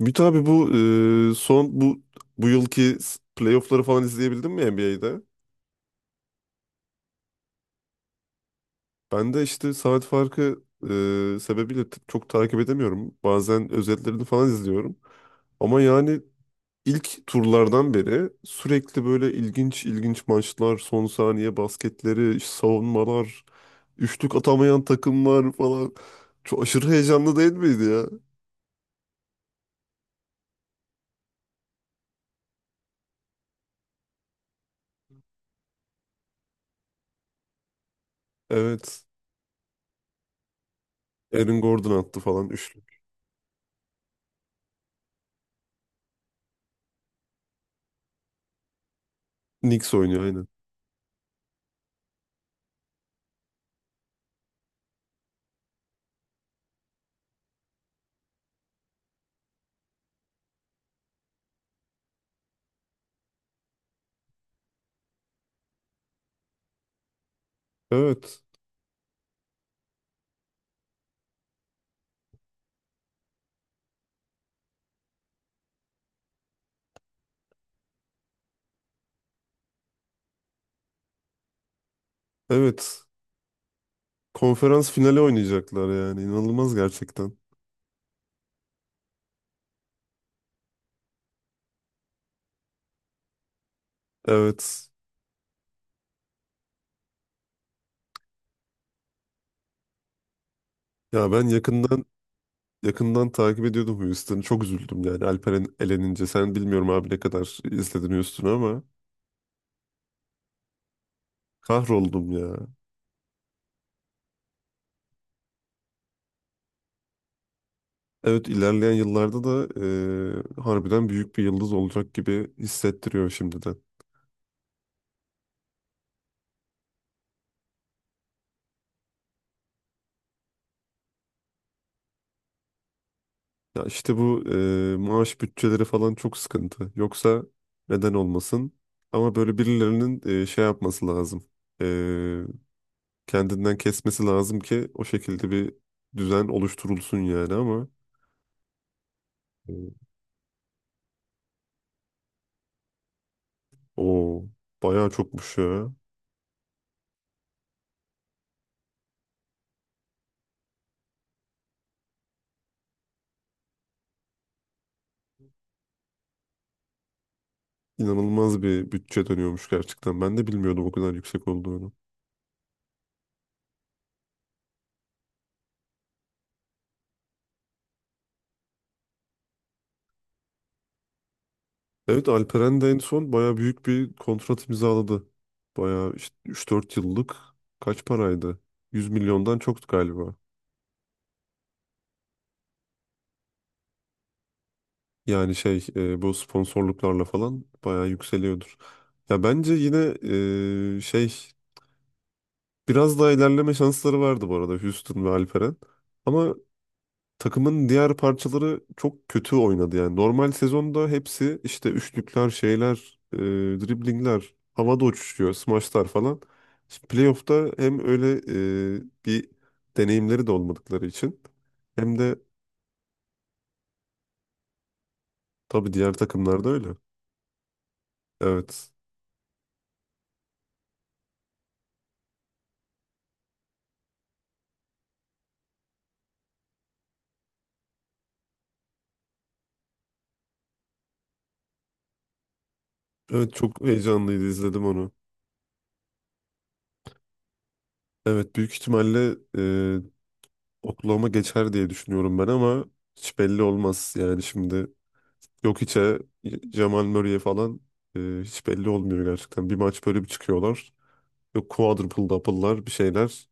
Ümit abi, bu e, son bu bu yılki playoff'ları falan izleyebildin mi NBA'de? Ben de işte saat farkı sebebiyle çok takip edemiyorum. Bazen özetlerini falan izliyorum. Ama yani ilk turlardan beri sürekli böyle ilginç ilginç maçlar, son saniye basketleri, savunmalar, üçlük atamayan takımlar falan. Çok aşırı heyecanlı değil miydi ya? Evet. Aaron Gordon attı falan üçlük. Knicks oynuyor aynen. Evet. Evet. Konferans finali oynayacaklar yani. İnanılmaz gerçekten. Evet. Ya ben yakından yakından takip ediyordum Houston'ı. Çok üzüldüm yani Alperen elenince. Sen bilmiyorum abi ne kadar izledin Houston'ı ama kahroldum ya. Evet, ilerleyen yıllarda da harbiden büyük bir yıldız olacak gibi hissettiriyor şimdiden. Ya işte bu maaş bütçeleri falan çok sıkıntı. Yoksa neden olmasın? Ama böyle birilerinin şey yapması lazım. Kendinden kesmesi lazım ki o şekilde bir düzen oluşturulsun yani, ama e, o bayağı çokmuş ya. İnanılmaz bir bütçe dönüyormuş gerçekten. Ben de bilmiyordum o kadar yüksek olduğunu. Evet, Alperen de en son bayağı büyük bir kontrat imzaladı. Bayağı işte 3-4 yıllık, kaç paraydı? 100 milyondan çoktu galiba. Yani bu sponsorluklarla falan bayağı yükseliyordur. Ya bence yine e, şey biraz daha ilerleme şansları vardı bu arada Houston ve Alperen. Ama takımın diğer parçaları çok kötü oynadı yani. Normal sezonda hepsi işte üçlükler, şeyler, driblingler, havada uçuşuyor, smaçlar falan. Şimdi playoff'ta hem öyle bir deneyimleri de olmadıkları için hem de tabii diğer takımlarda öyle. Evet. Evet, çok heyecanlıydı, izledim onu. Evet, büyük ihtimalle Oklahoma geçer diye düşünüyorum ben, ama hiç belli olmaz yani şimdi. Yok içe Jamal Murray'e falan, hiç belli olmuyor gerçekten. Bir maç böyle bir çıkıyorlar. Yok quadruple double'lar, bir şeyler.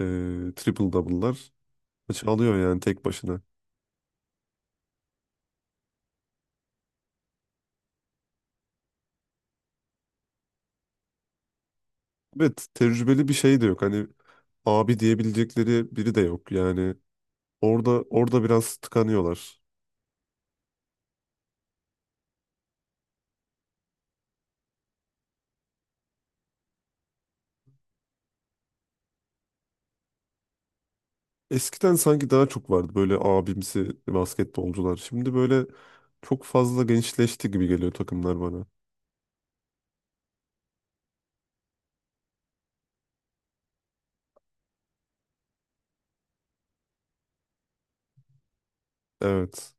Triple double'lar. Maçı alıyor yani tek başına. Evet, tecrübeli bir şey de yok. Hani abi diyebilecekleri biri de yok. Yani orada biraz tıkanıyorlar. Eskiden sanki daha çok vardı böyle abimsi basketbolcular. Şimdi böyle çok fazla gençleşti gibi geliyor takımlar bana. Evet.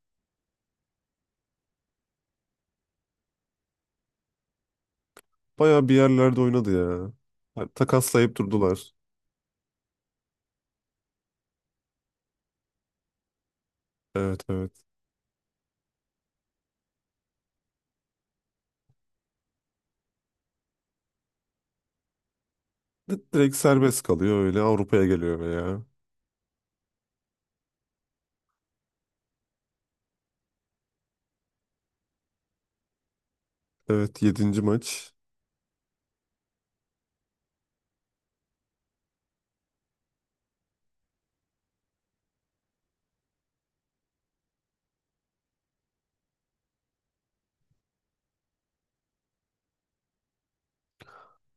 Bayağı bir yerlerde oynadı ya. Ha, takaslayıp durdular. Evet, evet. Direkt serbest kalıyor, öyle Avrupa'ya geliyor veya. Evet, yedinci maç.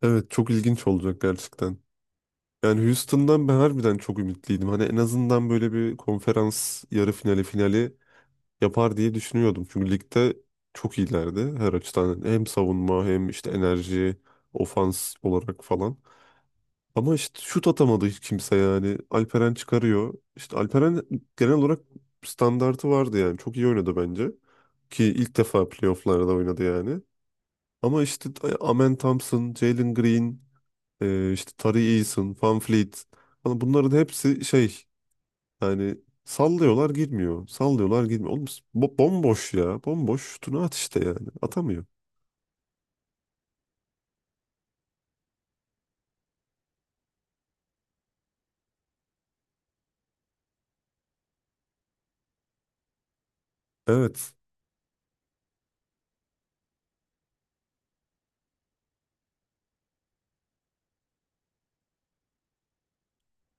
Evet, çok ilginç olacak gerçekten. Yani Houston'dan ben harbiden çok ümitliydim. Hani en azından böyle bir konferans yarı finali yapar diye düşünüyordum. Çünkü ligde çok iyilerdi her açıdan. Hem savunma hem işte enerji, ofans olarak falan. Ama işte şut atamadı hiç kimse yani. Alperen çıkarıyor. İşte Alperen genel olarak standartı vardı yani. Çok iyi oynadı bence. Ki ilk defa playofflarda oynadı yani. Ama işte Amen Thompson, Jalen Green, işte Tari Eason, Van Fleet. Hani bunların hepsi şey, yani sallıyorlar girmiyor. Sallıyorlar girmiyor. Oğlum, bomboş ya. Bomboş şutunu at işte yani. Atamıyor. Evet.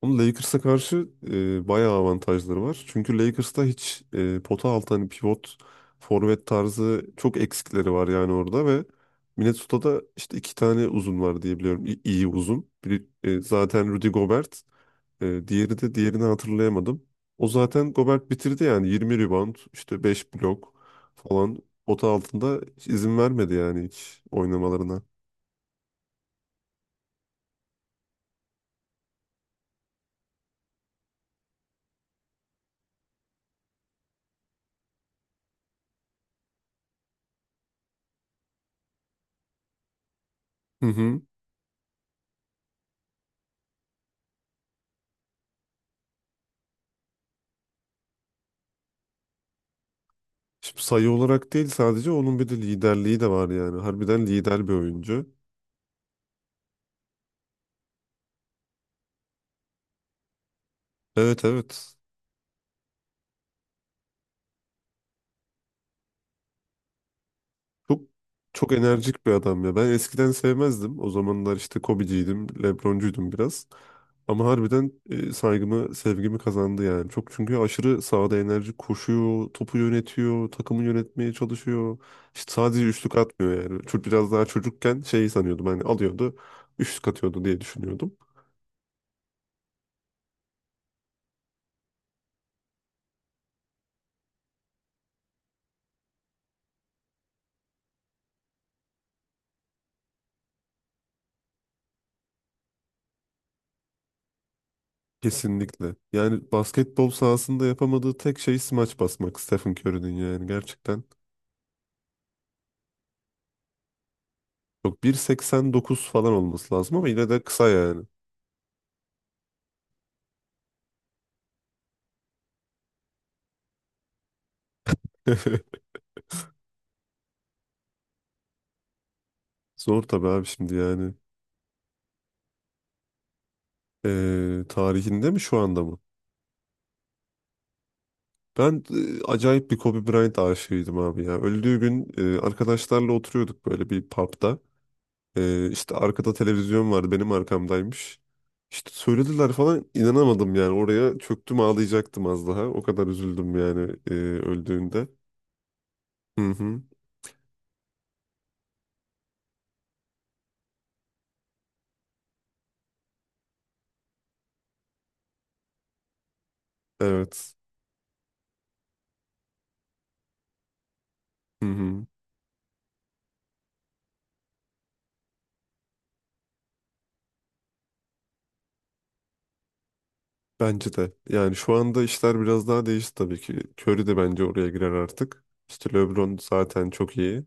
Ama Lakers'a karşı bayağı avantajları var. Çünkü Lakers'ta hiç pota altı, hani pivot, forvet tarzı çok eksikleri var yani orada ve Minnesota'da işte iki tane uzun var diye biliyorum. İyi uzun. Biri zaten Rudy Gobert. Diğeri de diğerini hatırlayamadım. O zaten Gobert bitirdi yani 20 rebound, işte 5 blok falan, pota altında hiç izin vermedi yani hiç oynamalarına. Hı hı. Şimdi sayı olarak değil, sadece onun bir de liderliği de var yani. Harbiden lider bir oyuncu. Evet, evet. Çok çok enerjik bir adam ya. Ben eskiden sevmezdim. O zamanlar işte Kobe'ciydim, LeBron'cuydum biraz. Ama harbiden saygımı, sevgimi kazandı yani. Çok, çünkü aşırı sahada enerji koşuyor, topu yönetiyor, takımı yönetmeye çalışıyor. İşte sadece üçlük atmıyor yani. Çok biraz daha çocukken şeyi sanıyordum, hani alıyordu, üçlük atıyordu diye düşünüyordum. Kesinlikle. Yani basketbol sahasında yapamadığı tek şey smaç basmak Stephen Curry'nin yani gerçekten. Yok, 1.89 falan olması lazım ama yine de kısa yani. Zor tabii abi şimdi yani. Tarihinde mi, şu anda mı? Ben acayip bir Kobe Bryant aşığıydım abi ya. Öldüğü gün arkadaşlarla oturuyorduk böyle bir pub'da. İşte arkada televizyon vardı, benim arkamdaymış. İşte söylediler falan, inanamadım yani, oraya çöktüm, ağlayacaktım az daha. O kadar üzüldüm yani öldüğünde. Hı hı. Evet. Hı hı. Bence de. Yani şu anda işler biraz daha değişti tabii ki. Curry de bence oraya girer artık. İşte LeBron zaten çok iyi.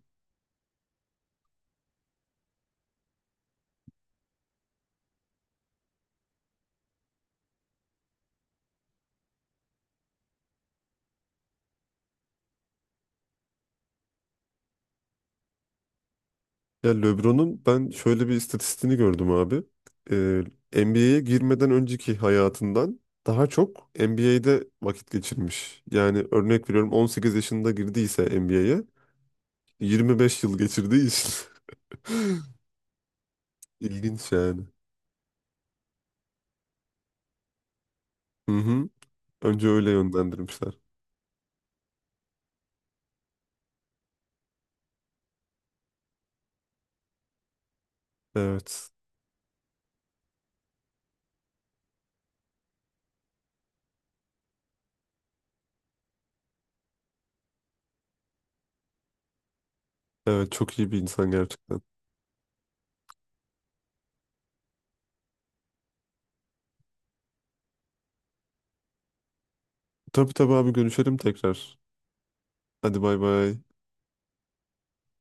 Ya LeBron'un ben şöyle bir istatistiğini gördüm abi. Ee, NBA'ye girmeden önceki hayatından daha çok NBA'de vakit geçirmiş. Yani örnek veriyorum, 18 yaşında girdiyse NBA'ye, 25 yıl geçirdiği için. İlginç yani. Hı hı. Önce öyle yönlendirmişler. Evet. Evet, çok iyi bir insan gerçekten. Tabii, tabii abi, görüşelim tekrar. Hadi, bay bay.